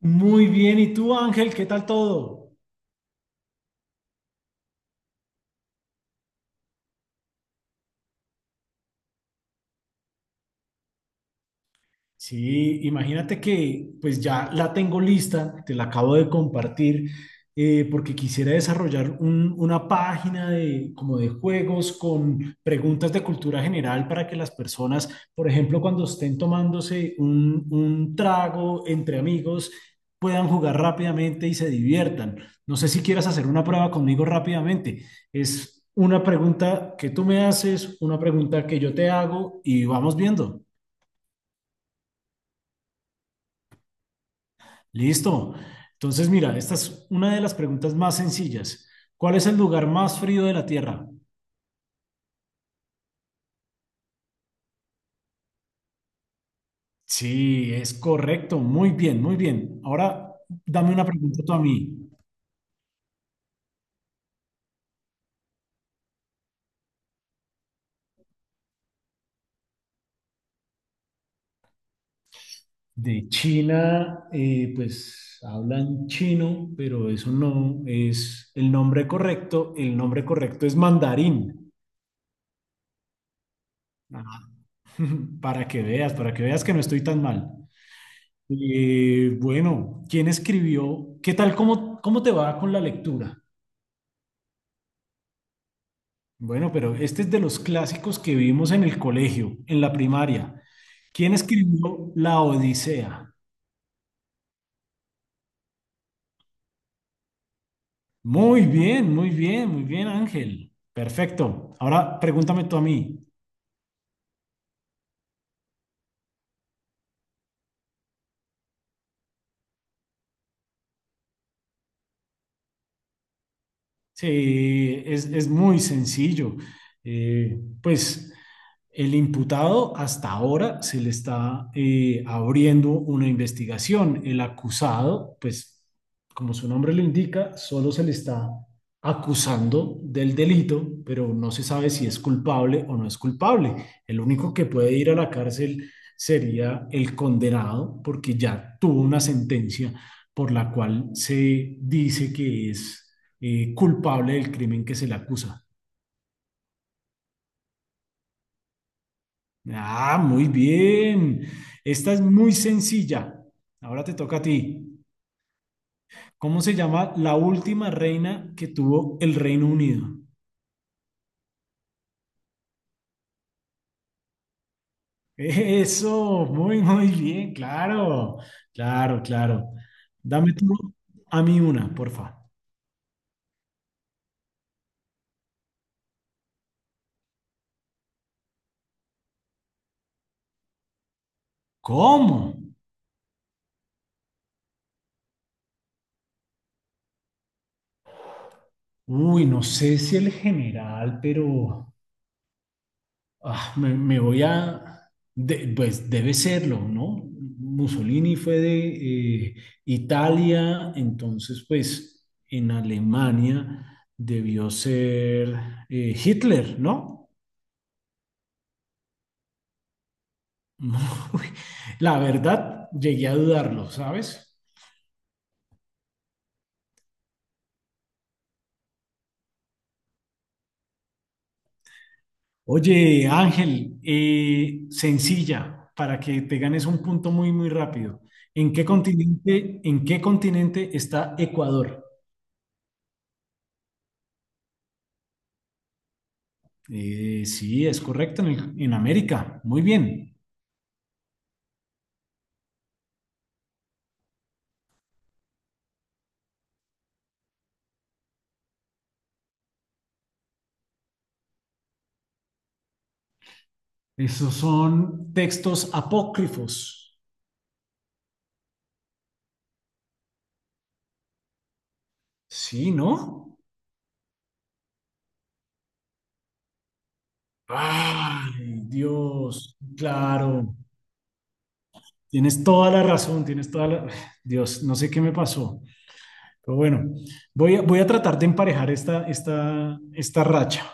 Muy bien, ¿y tú, Ángel? ¿Qué tal todo? Sí, imagínate que pues ya la tengo lista, te la acabo de compartir, porque quisiera desarrollar una página de, como de juegos con preguntas de cultura general para que las personas, por ejemplo, cuando estén tomándose un trago entre amigos, puedan jugar rápidamente y se diviertan. No sé si quieras hacer una prueba conmigo rápidamente. Es una pregunta que tú me haces, una pregunta que yo te hago y vamos viendo. Listo. Entonces, mira, esta es una de las preguntas más sencillas. ¿Cuál es el lugar más frío de la Tierra? Sí, es correcto. Muy bien, muy bien. Ahora, dame una pregunta tú a mí. De China, pues hablan chino, pero eso no es el nombre correcto. El nombre correcto es mandarín. Ah, para que veas, para que veas que no estoy tan mal. Bueno, ¿quién escribió? ¿Qué tal? Cómo te va con la lectura? Bueno, pero este es de los clásicos que vimos en el colegio, en la primaria. ¿Quién escribió La Odisea? Muy bien, muy bien, muy bien, Ángel. Perfecto. Ahora pregúntame tú a mí. Sí, es muy sencillo. Pues el imputado hasta ahora se le está abriendo una investigación. El acusado, pues como su nombre lo indica, solo se le está acusando del delito, pero no se sabe si es culpable o no es culpable. El único que puede ir a la cárcel sería el condenado porque ya tuvo una sentencia por la cual se dice que es culpable del crimen que se le acusa. Ah, muy bien. Esta es muy sencilla. Ahora te toca a ti. ¿Cómo se llama la última reina que tuvo el Reino Unido? Eso, muy, muy bien, claro, claro, claro. Dame tú a mí una, porfa. ¿Cómo? Uy, no sé si el general, pero... Ah, me voy a, pues debe serlo, ¿no? Mussolini fue de Italia, entonces pues en Alemania debió ser Hitler, ¿no? Uy, la verdad, llegué a dudarlo, ¿sabes? Oye, Ángel, sencilla, para que te ganes un punto muy, muy rápido. En qué continente está Ecuador? Sí, es correcto, en América. Muy bien. Esos son textos apócrifos. Sí, ¿no? Ay, Dios, claro. Tienes toda la razón, tienes toda la... Dios, no sé qué me pasó. Pero bueno, voy a, voy a tratar de emparejar esta racha.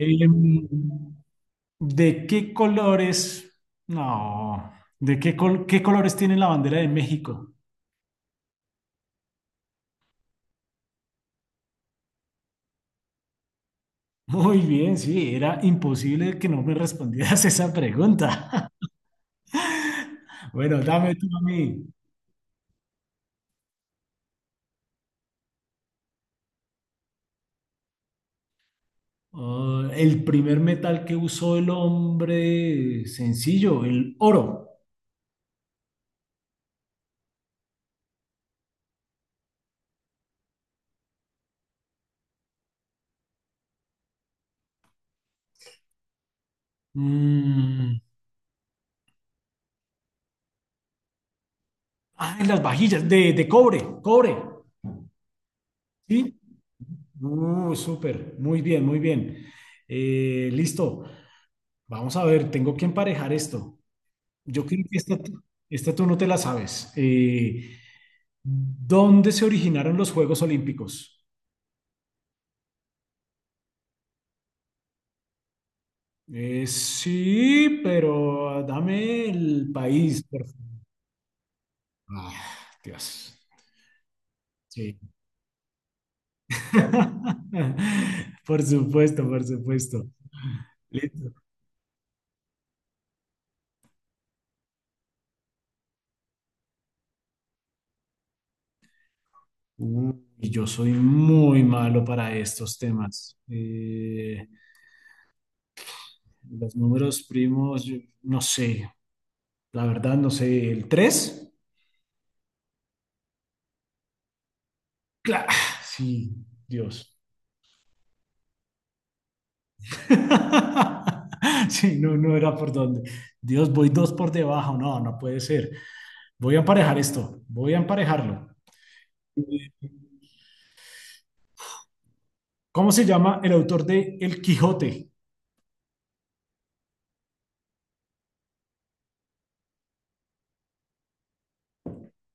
Em, ¿De qué colores? No, ¿de qué, qué colores tiene la bandera de México? Muy bien, sí, era imposible que no me respondieras esa pregunta. Bueno, dame tú a mí. Ah, el primer metal que usó el hombre sencillo, el oro. Mm, ah, las vajillas de cobre, cobre. ¿Sí? Súper, muy bien, muy bien. Listo. Vamos a ver, tengo que emparejar esto. Yo creo que esta tú no te la sabes. ¿Dónde se originaron los Juegos Olímpicos? Sí, pero dame el país, por favor. Ah, Dios. Sí. Por supuesto, por supuesto. Listo. Uy, yo soy muy malo para estos temas. Los números primos, yo no sé. La verdad, no sé. ¿El 3, claro. Sí, Dios. Sí, no, no era por dónde. Dios, voy dos por debajo. No, no puede ser. Voy a emparejar esto, voy a emparejarlo. ¿Cómo se llama el autor de El Quijote?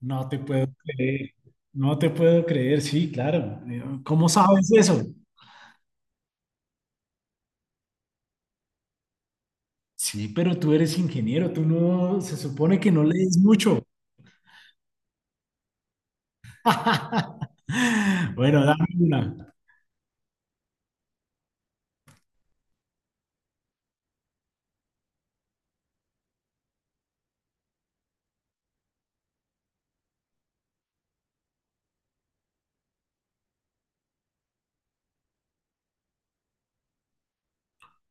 No te puedo creer, no te puedo creer, sí, claro. ¿Cómo sabes eso? Sí, pero tú eres ingeniero, tú no, se supone que no lees mucho. Bueno, dame una.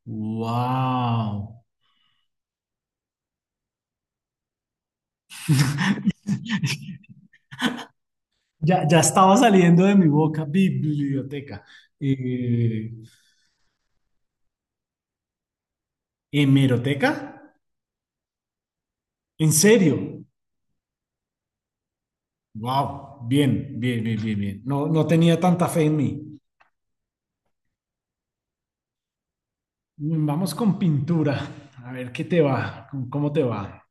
Wow. Ya, ya estaba saliendo de mi boca biblioteca. Eh, ¿Hemeroteca? ¿En serio? Wow, bien, bien, bien, bien, bien. No, no tenía tanta fe en mí. Mm, vamos con pintura. A ver qué te va, con cómo te va.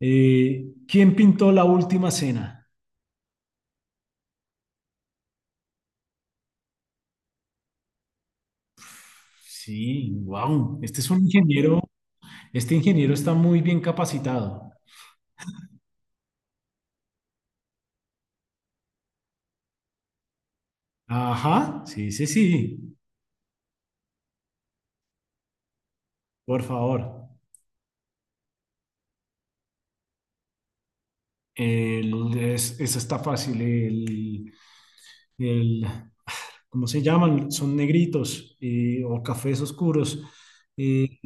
¿Quién pintó la última cena? Sí, wow. Este es un ingeniero. Este ingeniero está muy bien capacitado. Ajá, sí, sí, sí. Por favor. El, esa está fácil. El- ¿Cómo se llaman? Son negritos o cafés oscuros. Eh,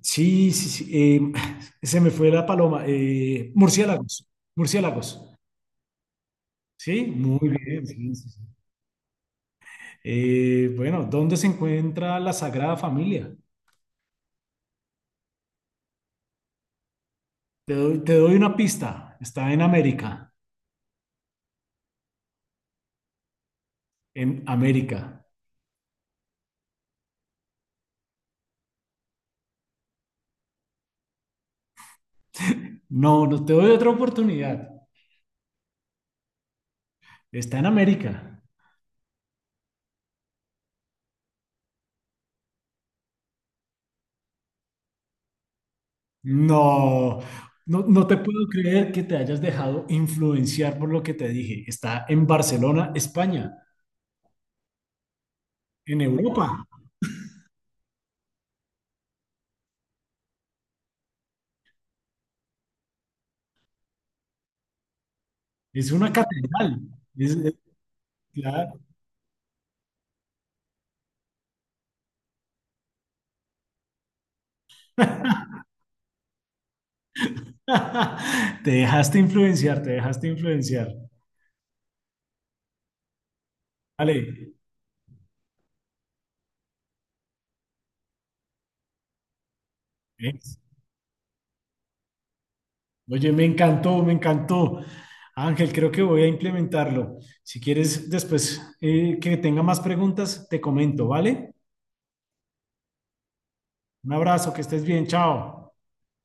Sí, sí, sí. Se me fue la paloma. Murciélagos. Sí, muy bien. Sí, sí, sí. Bueno, ¿dónde se encuentra la Sagrada Familia? Te doy una pista. Está en América. En América. No, no te doy otra oportunidad. Está en América. No, no, no te puedo creer que te hayas dejado influenciar por lo que te dije. Está en Barcelona, España, en Europa. Es una catedral. Claro. Te dejaste influenciar, te dejaste influenciar. Vale. ¿Ves? Oye, me encantó, me encantó. Ángel, creo que voy a implementarlo. Si quieres, después que tenga más preguntas, te comento, ¿vale? Un abrazo, que estés bien, chao.